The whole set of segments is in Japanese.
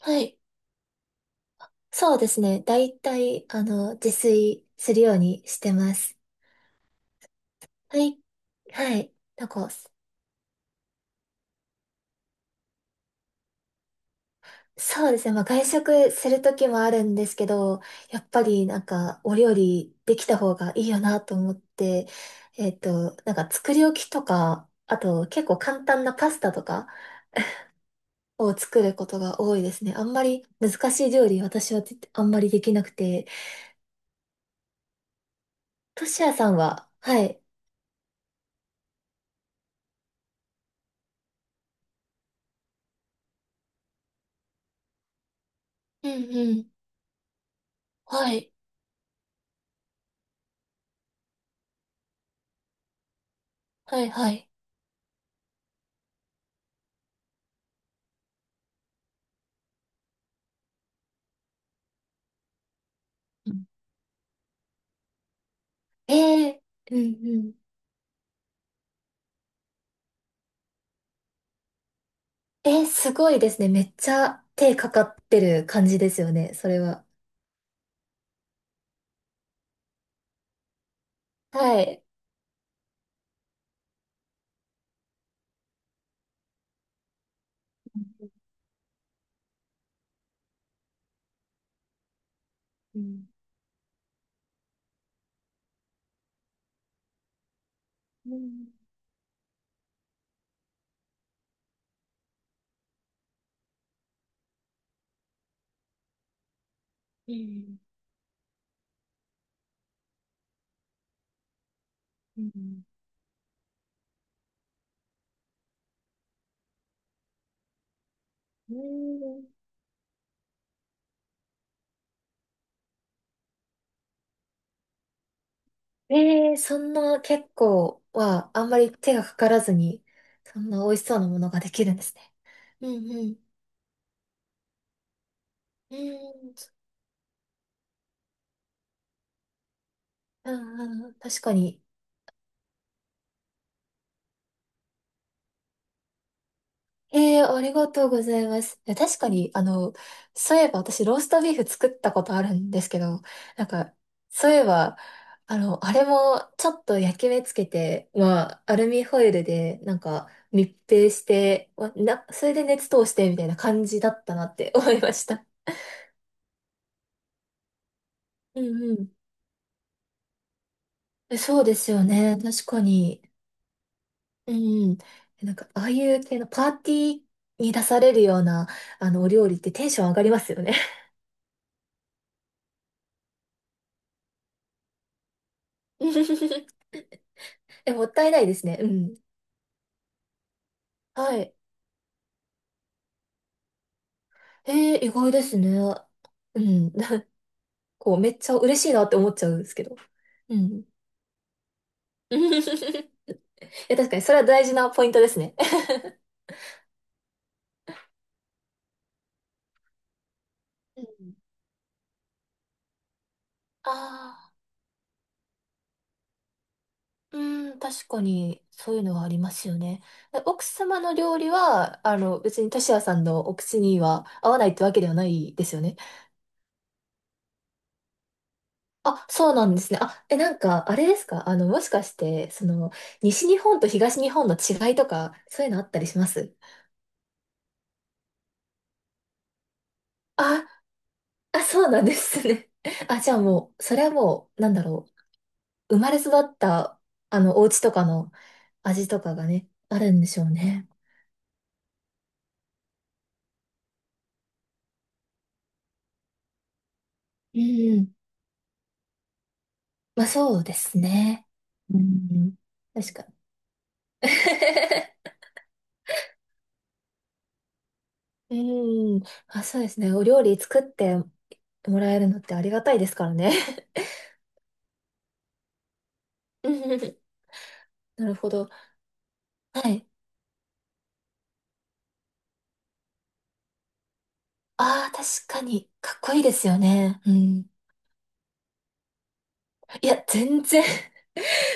はい。そうですね。だいたい、自炊するようにしてます。はい。はい。まあ、外食するときもあるんですけど、やっぱりお料理できた方がいいよなと思って、なんか作り置きとか、あと結構簡単なパスタとかを作ることが多いですね。あんまり難しい料理、私はあんまりできなくて。トシヤさんは、はい。うんうん。はい。はいはい。ええ、うんうん。えー、すごいですね。めっちゃ手かかってる感じですよね、それは。はい。うんうんうんうんうん。えー、そんな結構はあんまり手がかからずに、そんな美味しそうなものができるんですね。うんうん。うん、うんうん、確かに。ええー、ありがとうございます。いや確かに、そういえば私、ローストビーフ作ったことあるんですけど、なんか、そういえば、あの、あれもちょっと焼き目つけて、まあ、アルミホイルで、なんか、密閉して、わな、それで熱通して、みたいな感じだったなって思いました。うんうん。えそうですよね。確かに。うんうん。なんか、ああいう系のパーティーに出されるような、お料理ってテンション上がりますよね。え、もったいないですね。うん。はい。えー、意外ですね。うん。こう、めっちゃ嬉しいなって思っちゃうんですけど。うん。え、確かに、それは大事なポイントですね。うん。 ああ、うん、確かに、そういうのはありますよね。で奥様の料理は、別にトシヤさんのお口には合わないってわけではないですよね。あ、そうなんですね。あ、え、なんか、あれですか。もしかして、西日本と東日本の違いとか、そういうのあったりします？あ、あ、そうなんですね。あ、じゃあもう、それはもう、なんだろう。生まれ育った、お家とかの味とかがね、あるんでしょうね。うん。まあそうですね。うん。確かに。うん。あ、そうですね。お料理作ってもらえるのってありがたいですからね。うん。なるほど。はい。ああ、確かに、かっこいいですよね。うん。いや、全然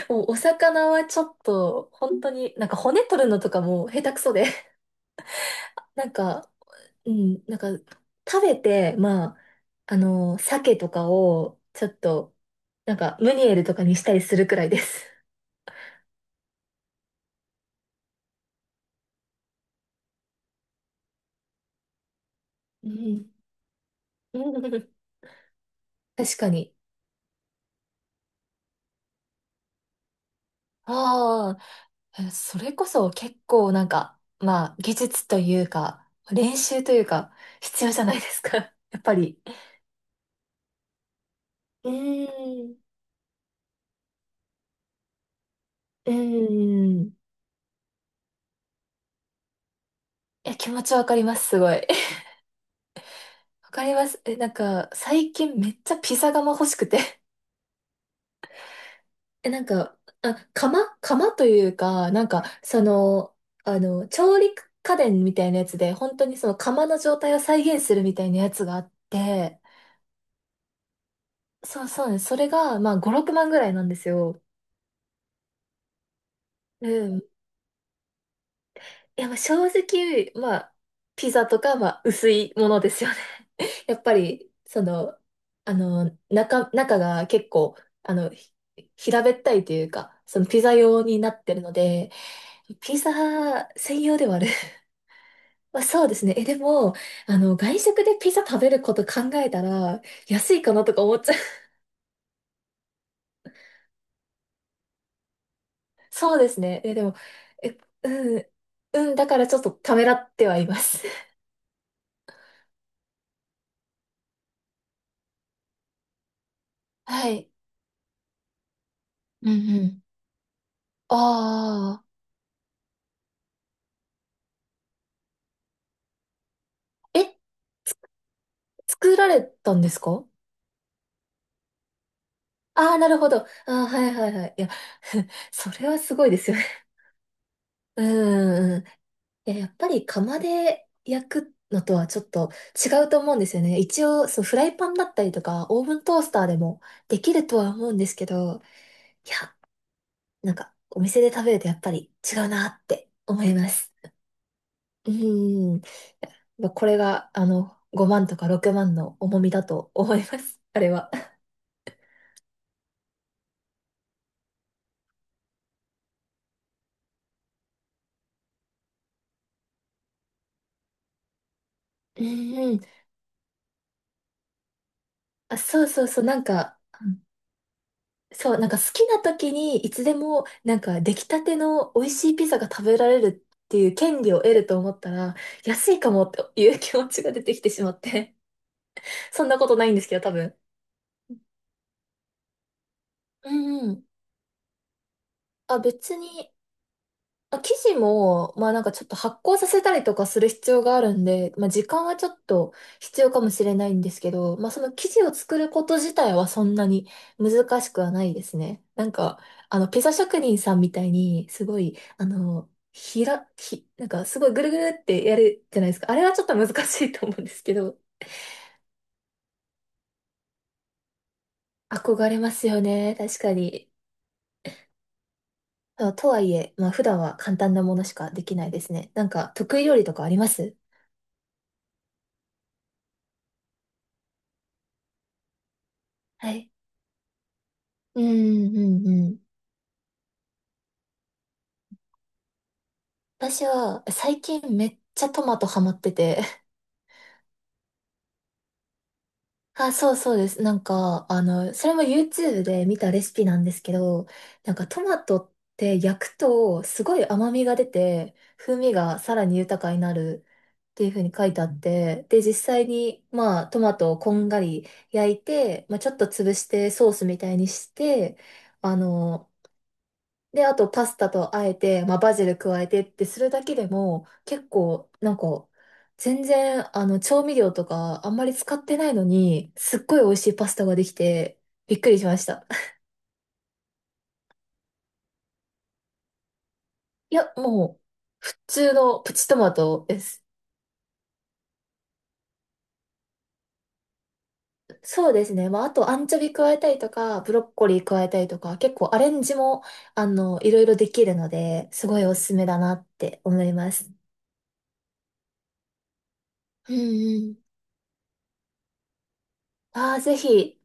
お、お魚はちょっと、本当に、なんか骨取るのとかも下手くそで。なんか、うん、なんか、食べて、まあ、鮭とかを、ちょっと、なんか、ムニエルとかにしたりするくらいです。うん。うん。 確かに。ああ、えそれこそ結構なんか、まあ、技術というか、練習というか、必要じゃないですか。やっぱり。うーん。うーん。いや、気持ちわかります、すごい。わかります。え、なんか、最近めっちゃピザ窯欲しくて。え、なんか、あ、窯というか、なんか、調理家電みたいなやつで、本当にその窯の状態を再現するみたいなやつがあって、そうそうなんです、それが、まあ、5、6万ぐらいなんですよ。うん。いや、まあ、正直、まあ、ピザとか、まあ、薄いものですよね、やっぱり、中が結構、あの、ひ平べったいというか、そのピザ用になってるので、ピザ専用ではある。まあそうですね。え、でも、外食でピザ食べること考えたら、安いかなとか思っちゃう。そうですね。え、でも、え、うん、うん、だからちょっとためらってはいます。はい。うんうん。ああ、え、作られたんですか？ああ、なるほど。ああ、はいはいはい。いや、それはすごいですよね。うんうん。いや、やっぱり釜で焼くのとはちょっと違うと思うんですよね。一応、そう、フライパンだったりとか、オーブントースターでもできるとは思うんですけど、いや、なんか、お店で食べるとやっぱり違うなって思います。うん。まあこれが、5万とか6万の重みだと思います。あれは。うんうん。あ、そうそうそう、なんか、そう、なんか好きな時にいつでもなんか出来たての美味しいピザが食べられるっていう権利を得ると思ったら、安いかもっていう気持ちが出てきてしまって。そんなことないんですけど、多分。うんうん。あ、別にあ、生地も、まあなんかちょっと発酵させたりとかする必要があるんで、まあ時間はちょっと必要かもしれないんですけど、まあその生地を作ること自体はそんなに難しくはないですね。なんか、ピザ職人さんみたいに、すごい、あの、ひら、ひ、なんかすごいぐるぐるってやるじゃないですか。あれはちょっと難しいと思うんですけど、憧れますよね。確かに。あとはいえ、まあ普段は簡単なものしかできないですね。なんか得意料理とかあります？はい。うんうんうん。私は最近めっちゃトマトハマってて。あ、そうそうです。なんか、それも YouTube で見たレシピなんですけど、なんかトマトって焼くとすごい甘みが出て、風味がさらに豊かになるっていう風に書いてあって、で、実際に、まあ、トマトをこんがり焼いて、まあ、ちょっと潰してソースみたいにして、あの、で、あとパスタとあえて、まあ、バジル加えてってするだけでも、結構、なんか、全然、調味料とかあんまり使ってないのに、すっごい美味しいパスタができて、びっくりしました。いや、もう、普通のプチトマトです。そうですね。まあ、あと、アンチョビ加えたりとか、ブロッコリー加えたりとか、結構アレンジも、いろいろできるので、すごいおすすめだなって思います。うんうん。ああ、ぜひ。